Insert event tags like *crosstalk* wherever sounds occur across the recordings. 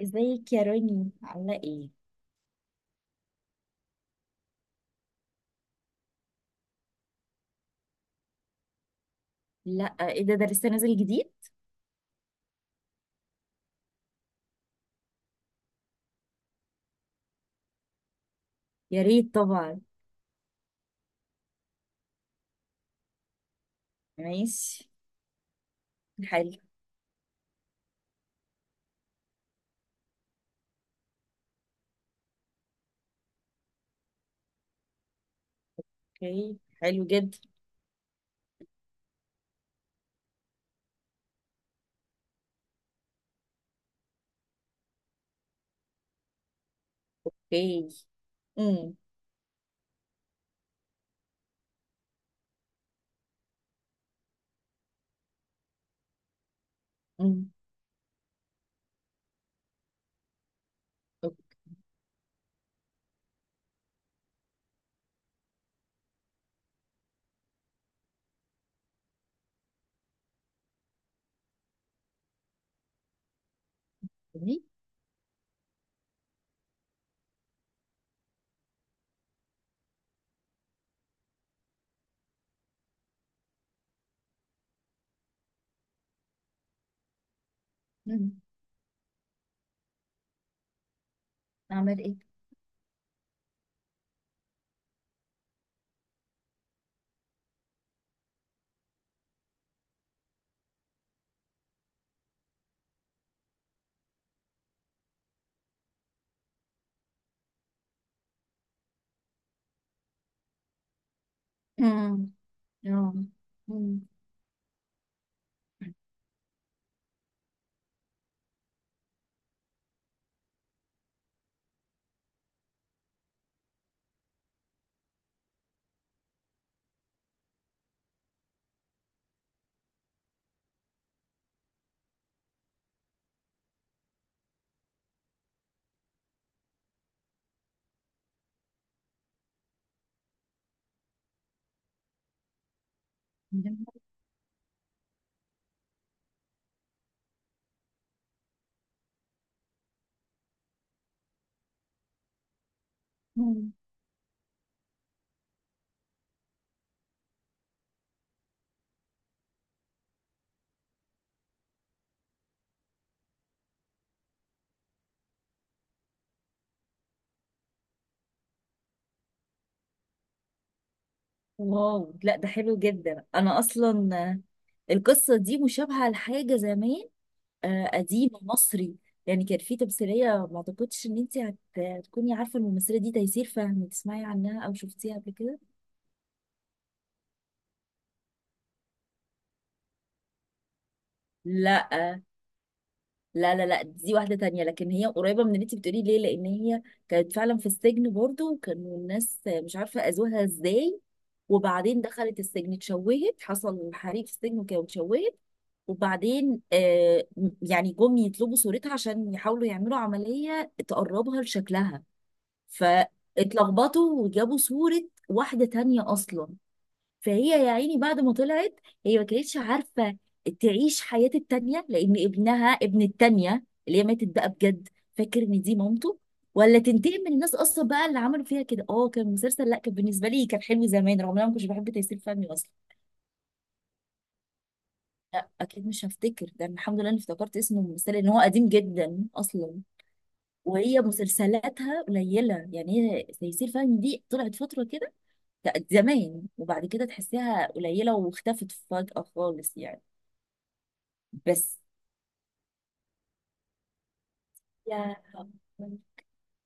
ازيك يا روني عاملة ايه؟ لا، ايه ده لسه نازل جديد؟ يا ريت طبعا. ماشي. حلو. اوكي، حلو جدا. اوكي. امم. امم. اوكي. أمم. اعمل ايه؟ امم. آه. أمم. أمم. واو، لا ده حلو جدا. انا اصلا القصة دي مشابهة لحاجة زمان، قديم مصري. يعني كان في تمثيلية، ما اعتقدش ان انت هتكوني عارفة الممثلة دي، تيسير فهمي، تسمعي عنها او شفتيها قبل كده؟ لا، لا، لا، لا، دي واحدة تانية، لكن هي قريبة من اللي انت بتقولي ليه، لان هي كانت فعلا في السجن برضو، وكانوا الناس مش عارفة اذوها ازاي. وبعدين دخلت السجن، اتشوهت، حصل حريق في السجن وكده، واتشوهت. وبعدين يعني جم يطلبوا صورتها عشان يحاولوا يعملوا عملية تقربها لشكلها، فاتلخبطوا وجابوا صورة واحدة تانية أصلا. فهي يا عيني بعد ما طلعت، هي ما كانتش عارفة تعيش حياة التانية، لأن ابنها، ابن التانية اللي هي ماتت بقى بجد، فاكر إن دي مامته، ولا تنتقم من الناس أصلا بقى اللي عملوا فيها كده. اه، كان مسلسل، لا، كان بالنسبة لي كان حلو زمان، رغم إن أنا ما كنتش بحب تيسير فهمي أصلا. أكيد مش هفتكر. ده أنا الحمد لله إني افتكرت اسمه الممثلة، لأن هو قديم جدا أصلا. وهي مسلسلاتها قليلة. يعني هي تيسير فهمي دي طلعت فترة كده، كانت زمان، وبعد كده تحسيها قليلة، واختفت فجأة خالص يعني. بس. يا رب.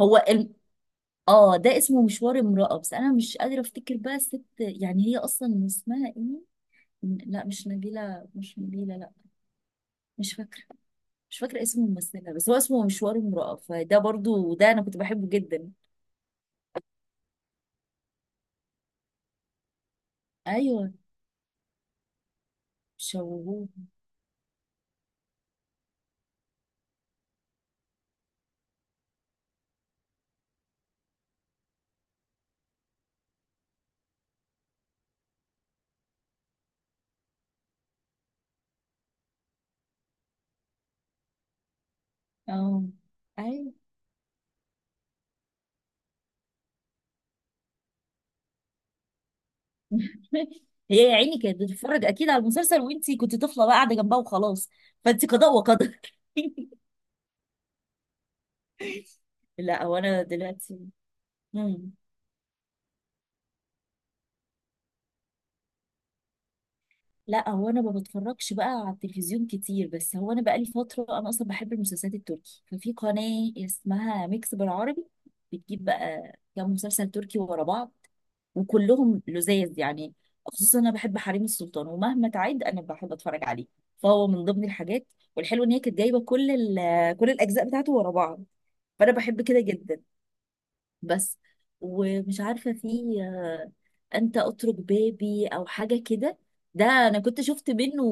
هو اه، ده اسمه مشوار امرأة، بس انا مش قادرة افتكر بقى الست، يعني هي اصلا اسمها ايه. لا، مش نبيلة، مش نبيلة، لا. مش فاكرة، مش فاكرة اسم الممثلة، بس هو اسمه مشوار امرأة، فده برضو ده انا كنت بحبه جدا. ايوه، شوهوه. اه، ايوه. هي يا عيني كانت بتتفرج اكيد على المسلسل، وانتي كنت طفله بقى قاعده جنبها وخلاص. فانتي قضاء وقدر. *laughs* لا، وانا دلوقتي. مم. لا، هو انا ما بتفرجش بقى على التلفزيون كتير، بس هو انا بقالي فتره، انا اصلا بحب المسلسلات التركي، ففي قناه اسمها ميكس بالعربي. بتجيب بقى كام مسلسل تركي ورا بعض، وكلهم لذاذ يعني. خصوصا انا بحب حريم السلطان، ومهما تعد انا بحب اتفرج عليه، فهو من ضمن الحاجات. والحلو ان هي كانت جايبه كل الاجزاء بتاعته ورا بعض، فانا بحب كده جدا. بس. ومش عارفة في آه، أنت أترك بابي أو حاجة كده. ده أنا كنت شفت منه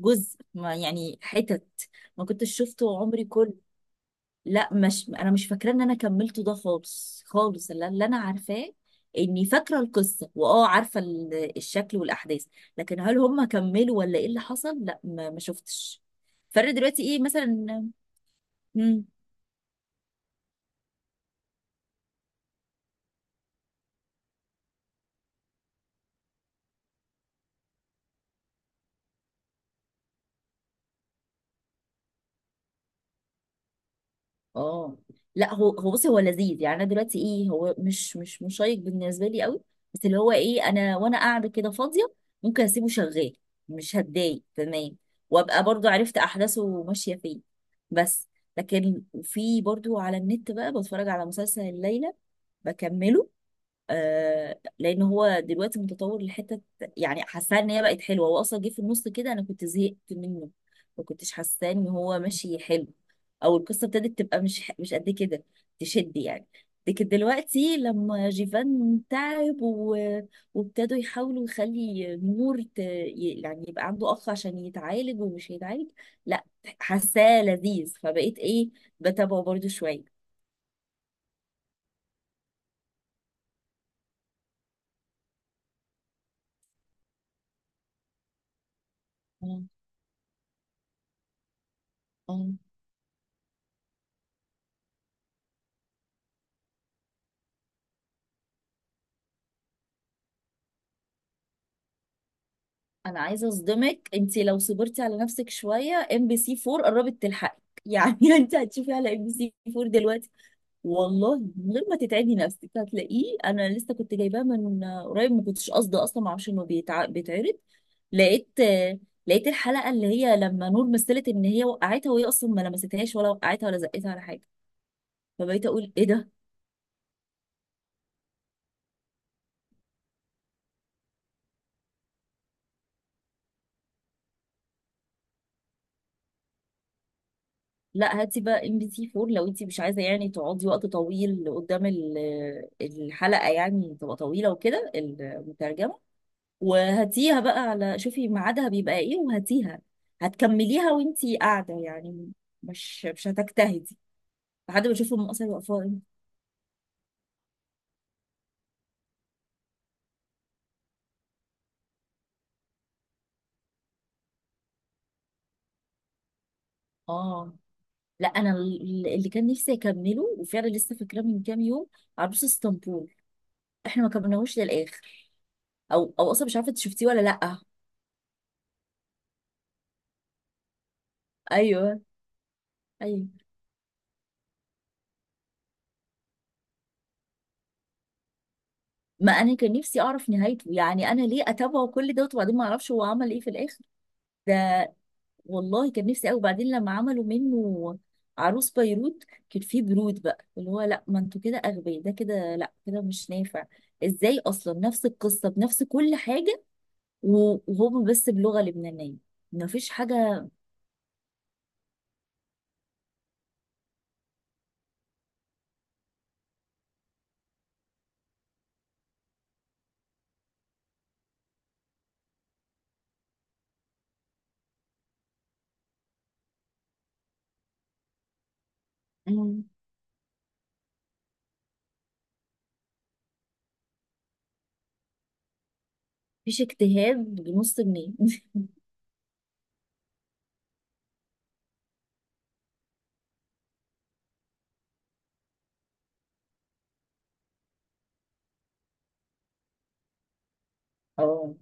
جزء، ما يعني حتت ما كنتش شفته عمري كله. لا، مش أنا مش فاكرة إن أنا كملته ده خالص. خالص اللي أنا عارفاه إني فاكرة القصة، وأه عارفة الشكل والأحداث. لكن هل هم كملوا ولا إيه اللي حصل؟ لا، ما شفتش فرق دلوقتي إيه مثلا. مم. اه، لا هو بصي هو لذيذ يعني. انا دلوقتي ايه، هو مش مشيق بالنسبه لي قوي. بس اللي هو ايه، انا وانا قاعده كده فاضيه ممكن اسيبه شغال، مش هتضايق تمام، وابقى برضو عرفت احداثه ماشيه فين. بس. لكن في برضو على النت بقى بتفرج على مسلسل الليلة بكمله، لان هو دلوقتي متطور لحته. يعني حاساه ان هي بقت حلوه، هو اصلا جه في النص كده، انا كنت زهقت منه، ما كنتش حاساه ان هو ماشي حلو، او القصه ابتدت تبقى مش قد كده تشد يعني. لكن دلوقتي لما جيفان تعب وابتدوا يحاولوا يخلي نور يعني يبقى عنده اخ عشان يتعالج، ومش هيتعالج. لا، حاساه لذيذ، فبقيت ايه بتابعه برضو شويه. اه، انا عايزه اصدمك. انت لو صبرتي على نفسك شويه، ام بي سي 4 قربت تلحقك يعني. *laughs* انت هتشوفي على ام بي سي 4 دلوقتي. والله من غير ما تتعبي نفسك هتلاقيه. انا لسه كنت جايباه من قريب، ما كنتش قاصده اصلا، ما اعرفش انه بيتعرض. لقيت لقيت الحلقه اللي هي لما نور مثلت ان هي وقعتها، وهي اصلا ما لمستهاش ولا وقعتها ولا زقتها ولا حاجه. فبقيت اقول ايه ده. لا، هاتي بقى ام بي سي 4، لو انت مش عايزه يعني تقعدي وقت طويل قدام الحلقه، يعني تبقى طويله وكده المترجمه. وهاتيها بقى، على شوفي ميعادها بيبقى ايه وهاتيها، هتكمليها وانت قاعده يعني، مش هتجتهدي لحد ما اشوف المقصه يبقى فاضي. اه، لا انا اللي كان نفسي اكمله وفعلا لسه فاكراه من كام يوم، عروس اسطنبول، احنا ما كملناهوش للاخر، او اصلا مش عارفه انت شفتيه ولا لا. ايوه، ايوه، ما انا كان نفسي اعرف نهايته يعني. انا ليه اتابعه كل دوت وبعدين ما اعرفش هو عمل ايه في الاخر؟ ده والله كان نفسي قوي. وبعدين لما عملوا منه عروس بيروت، كان فيه برود بقى اللي هو لا، ما انتوا كده اغبياء، ده كده لا، كده مش نافع. ازاي اصلا نفس القصه بنفس كل حاجه، وهم بس بلغه لبنانيه، ما فيش حاجه. مم. مفيش اجتهاد بنص جنيه. *laughs* اه،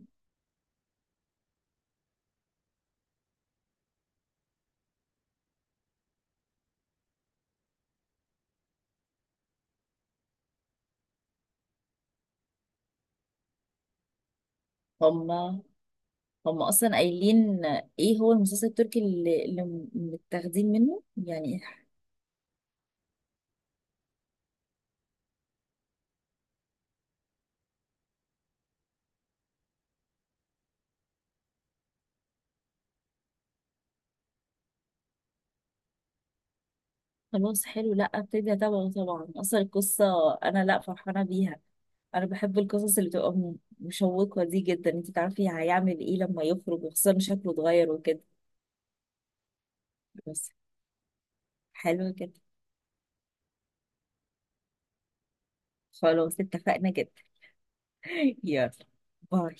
هم هم اصلا قايلين ايه هو المسلسل التركي اللي متاخدين منه يعني. خلاص حلو، لا، ابتدي اتابعه طبعا. اصلا القصه انا لا فرحانه بيها. انا بحب القصص اللي بتبقى مشوقه دي جدا، انت تعرفي هيعمل ايه لما يخرج، وخصوصا شكله اتغير وكده. بس. حلو كده، خلاص، اتفقنا جدا. *laughs* يلا، باي